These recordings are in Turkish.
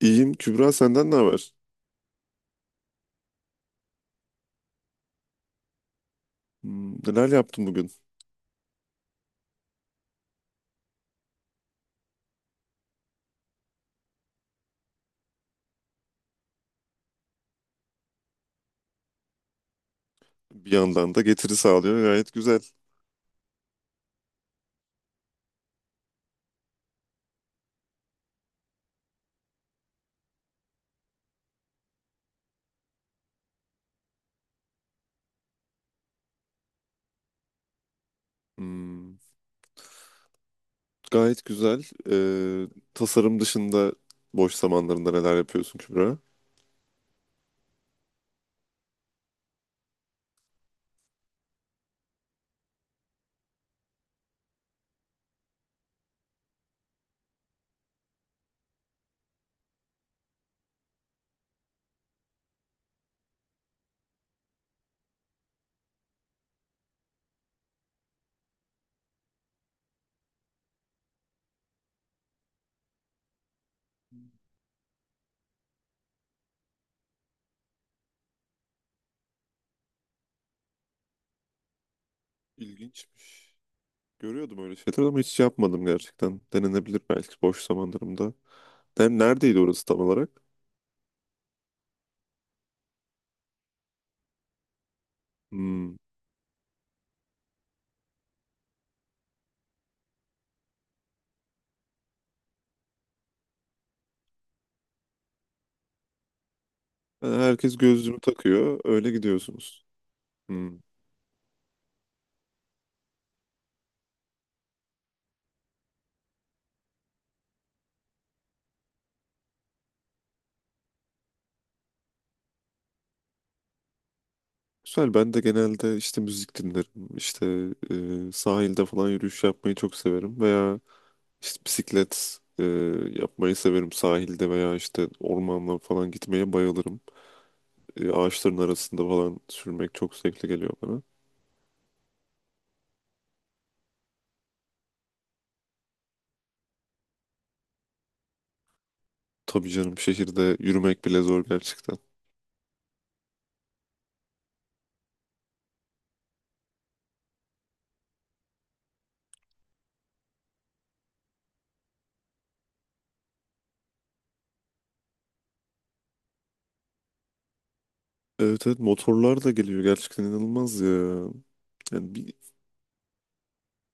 İyiyim. Kübra senden ne haber? Hmm, neler yaptın bugün? Bir yandan da getiri sağlıyor. Gayet güzel. Hmm, gayet güzel. Ee, Tasarım dışında boş zamanlarında neler yapıyorsun Kübra? İlginçmiş. Görüyordum öyle şeyler ama hiç yapmadım gerçekten. Denenebilir belki boş zamanlarımda. Neredeydi orası tam olarak? Hmm. Herkes gözlüğünü takıyor. Öyle gidiyorsunuz. Hmm. Güzel. Ben de genelde işte müzik dinlerim. İşte sahilde falan yürüyüş yapmayı çok severim. Veya İşte bisiklet yapmayı severim. Sahilde veya işte ormanla falan gitmeye bayılırım. Ağaçların arasında falan sürmek çok zevkli geliyor bana. Tabii canım şehirde yürümek bile zor gerçekten. Evet evet, motorlar da geliyor gerçekten, inanılmaz ya. Yani bir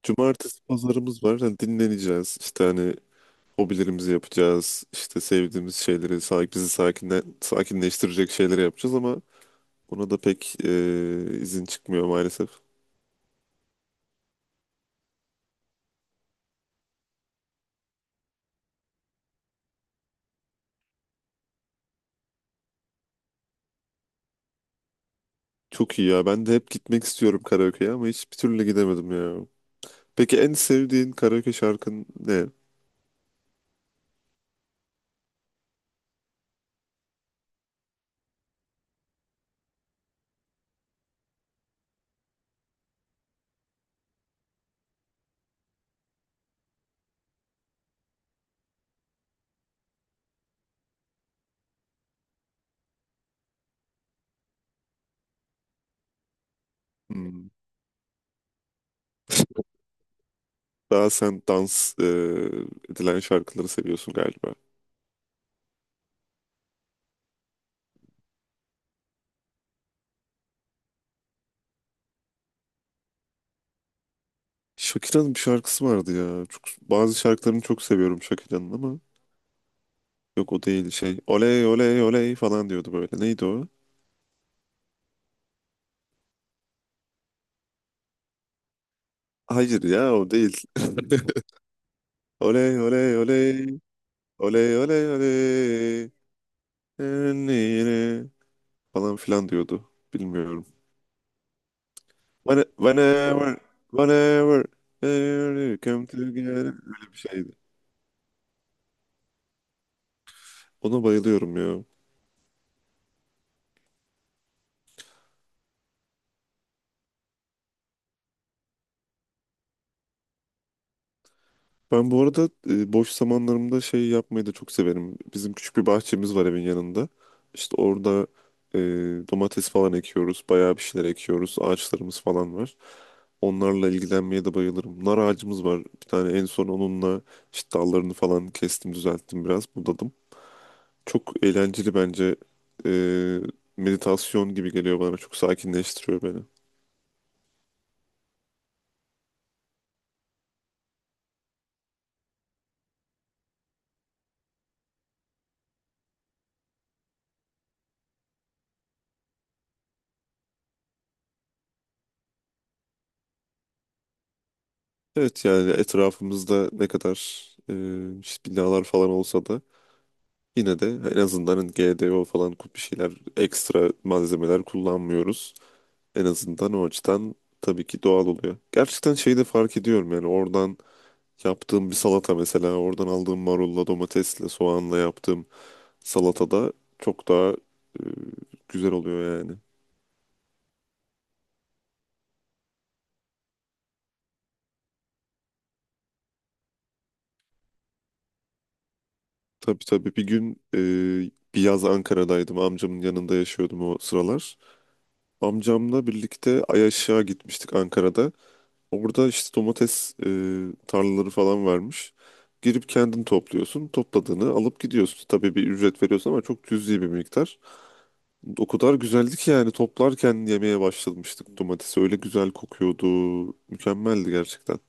cumartesi pazarımız var. Yani dinleneceğiz. İşte hani hobilerimizi yapacağız. İşte sevdiğimiz şeyleri, bizi sakinleştirecek şeyleri yapacağız ama ona da pek izin çıkmıyor maalesef. Çok iyi ya. Ben de hep gitmek istiyorum karaoke'ye ama hiçbir türlü gidemedim ya. Peki en sevdiğin karaoke şarkın ne? Hmm. Daha sen dans edilen şarkıları seviyorsun galiba. Shakira'nın bir şarkısı vardı ya. Çok, bazı şarkılarını çok seviyorum Shakira'nın ama yok, o değil, şey. Oley oley oley falan diyordu böyle. Neydi o? Hayır ya, o değil. Oley oley oley oley oley oley falan filan diyordu. Bilmiyorum. Whenever, whenever, whenever you come together. Öyle bir şeydi. Ona bayılıyorum ya. Ben bu arada boş zamanlarımda şey yapmayı da çok severim. Bizim küçük bir bahçemiz var evin yanında. İşte orada e, domates falan ekiyoruz. Bayağı bir şeyler ekiyoruz. Ağaçlarımız falan var. Onlarla ilgilenmeye de bayılırım. Nar ağacımız var. Bir tane en son onunla işte dallarını falan kestim, düzelttim biraz. Budadım. Çok eğlenceli bence. Ee, Meditasyon gibi geliyor bana. Çok sakinleştiriyor beni. Evet yani etrafımızda ne kadar işte binalar falan olsa da yine de en azından hani GDO falan bir şeyler, ekstra malzemeler kullanmıyoruz. En azından o açıdan tabii ki doğal oluyor. Gerçekten şeyi de fark ediyorum yani oradan yaptığım bir salata mesela, oradan aldığım marulla, domatesle, soğanla yaptığım salatada çok daha e, güzel oluyor yani. Tabii tabii, bir gün bir yaz Ankara'daydım. Amcamın yanında yaşıyordum o sıralar. Amcamla birlikte Ayaşık'a gitmiştik Ankara'da. Orada işte domates tarlaları falan varmış. Girip kendin topluyorsun. Topladığını alıp gidiyorsun. Tabii bir ücret veriyorsun ama çok cüzi bir miktar. O kadar güzeldi ki yani toplarken yemeye başlamıştık domatesi. Öyle güzel kokuyordu. Mükemmeldi gerçekten.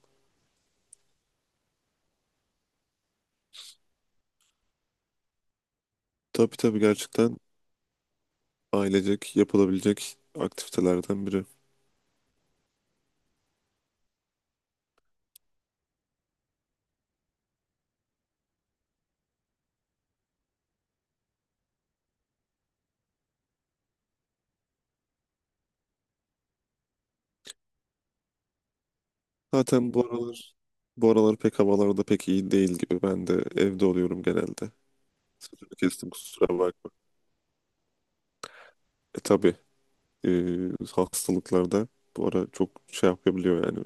Tabii tabii, gerçekten ailecek yapılabilecek aktivitelerden biri. Zaten bu aralar, pek havalarda pek iyi değil gibi. Ben de evde oluyorum genelde. Sözünü kestim, kusura bakma. E tabii, e, hastalıklarda bu ara çok şey yapabiliyor yani.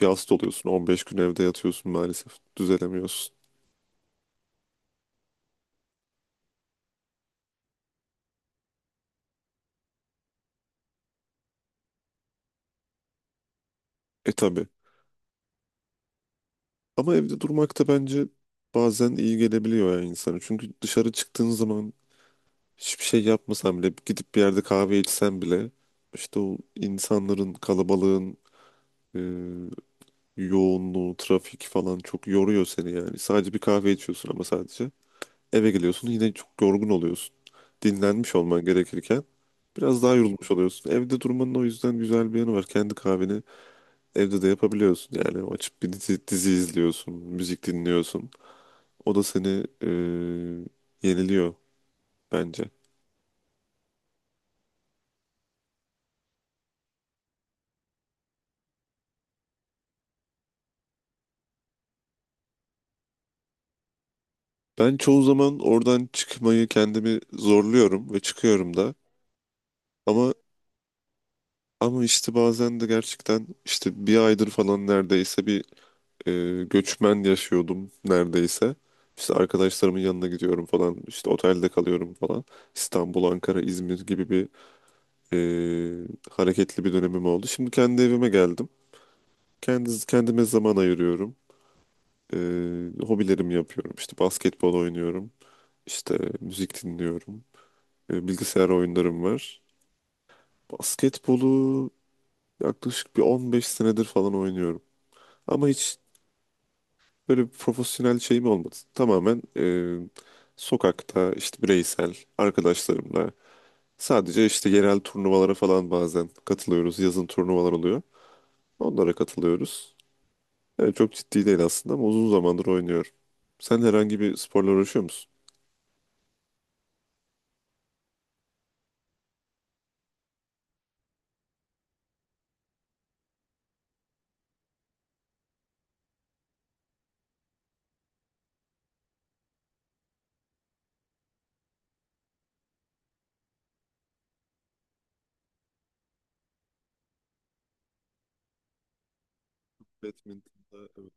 Bir hasta oluyorsun, 15 gün evde yatıyorsun maalesef. Düzelemiyorsun. E tabii. Ama evde durmak da bence bazen iyi gelebiliyor yani insana. Çünkü dışarı çıktığın zaman hiçbir şey yapmasan bile, gidip bir yerde kahve içsen bile işte o insanların kalabalığın e, yoğunluğu, trafik falan çok yoruyor seni yani. Sadece bir kahve içiyorsun ama sadece. Eve geliyorsun yine çok yorgun oluyorsun. Dinlenmiş olman gerekirken biraz daha yorulmuş oluyorsun. Evde durmanın o yüzden güzel bir yanı var. Kendi kahveni evde de yapabiliyorsun. Yani açıp bir dizi izliyorsun, müzik dinliyorsun. O da seni yeniliyor bence. Ben çoğu zaman oradan çıkmayı kendimi zorluyorum ve çıkıyorum da. Ama ama işte bazen de gerçekten işte bir aydır falan neredeyse bir e, göçmen yaşıyordum neredeyse. İşte arkadaşlarımın yanına gidiyorum falan. İşte otelde kalıyorum falan. İstanbul, Ankara, İzmir gibi bir e, hareketli bir dönemim oldu. Şimdi kendi evime geldim. Kendime zaman ayırıyorum. E, Hobilerimi yapıyorum. İşte basketbol oynuyorum. İşte müzik dinliyorum. Bilgisayar oyunlarım var. Basketbolu yaklaşık bir 15 senedir falan oynuyorum. Ama hiç böyle bir profesyonel şey mi olmadı? Tamamen sokakta işte bireysel arkadaşlarımla sadece işte yerel turnuvalara falan bazen katılıyoruz. Yazın turnuvalar oluyor. Onlara katılıyoruz. Yani çok ciddi değil aslında ama uzun zamandır oynuyorum. Sen herhangi bir sporla uğraşıyor musun? Badminton'da evet.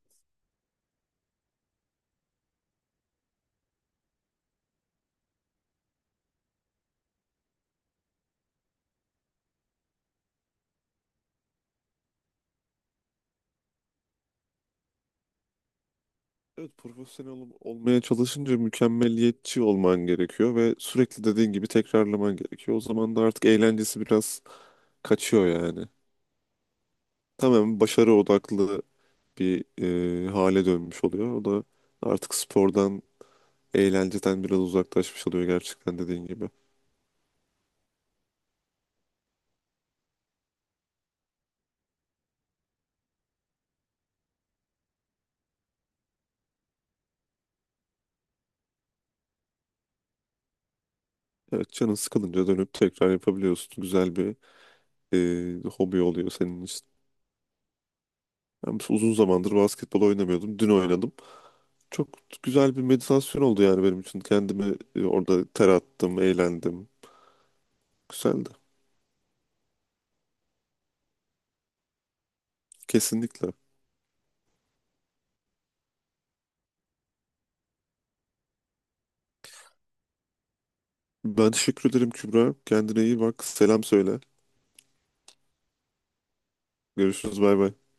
Evet, profesyonel olmaya çalışınca mükemmeliyetçi olman gerekiyor ve sürekli dediğin gibi tekrarlaman gerekiyor. O zaman da artık eğlencesi biraz kaçıyor yani. Tamamen başarı odaklı bir hale dönmüş oluyor. O da artık spordan, eğlenceden biraz uzaklaşmış oluyor gerçekten dediğin gibi. Evet, canın sıkılınca dönüp tekrar yapabiliyorsun. Güzel bir hobi oluyor senin için. Ben uzun zamandır basketbol oynamıyordum. Dün oynadım. Çok güzel bir meditasyon oldu yani benim için. Kendimi orada ter attım, eğlendim. Güzeldi. Kesinlikle. Ben teşekkür ederim Kübra. Kendine iyi bak. Selam söyle. Görüşürüz. Bay bay.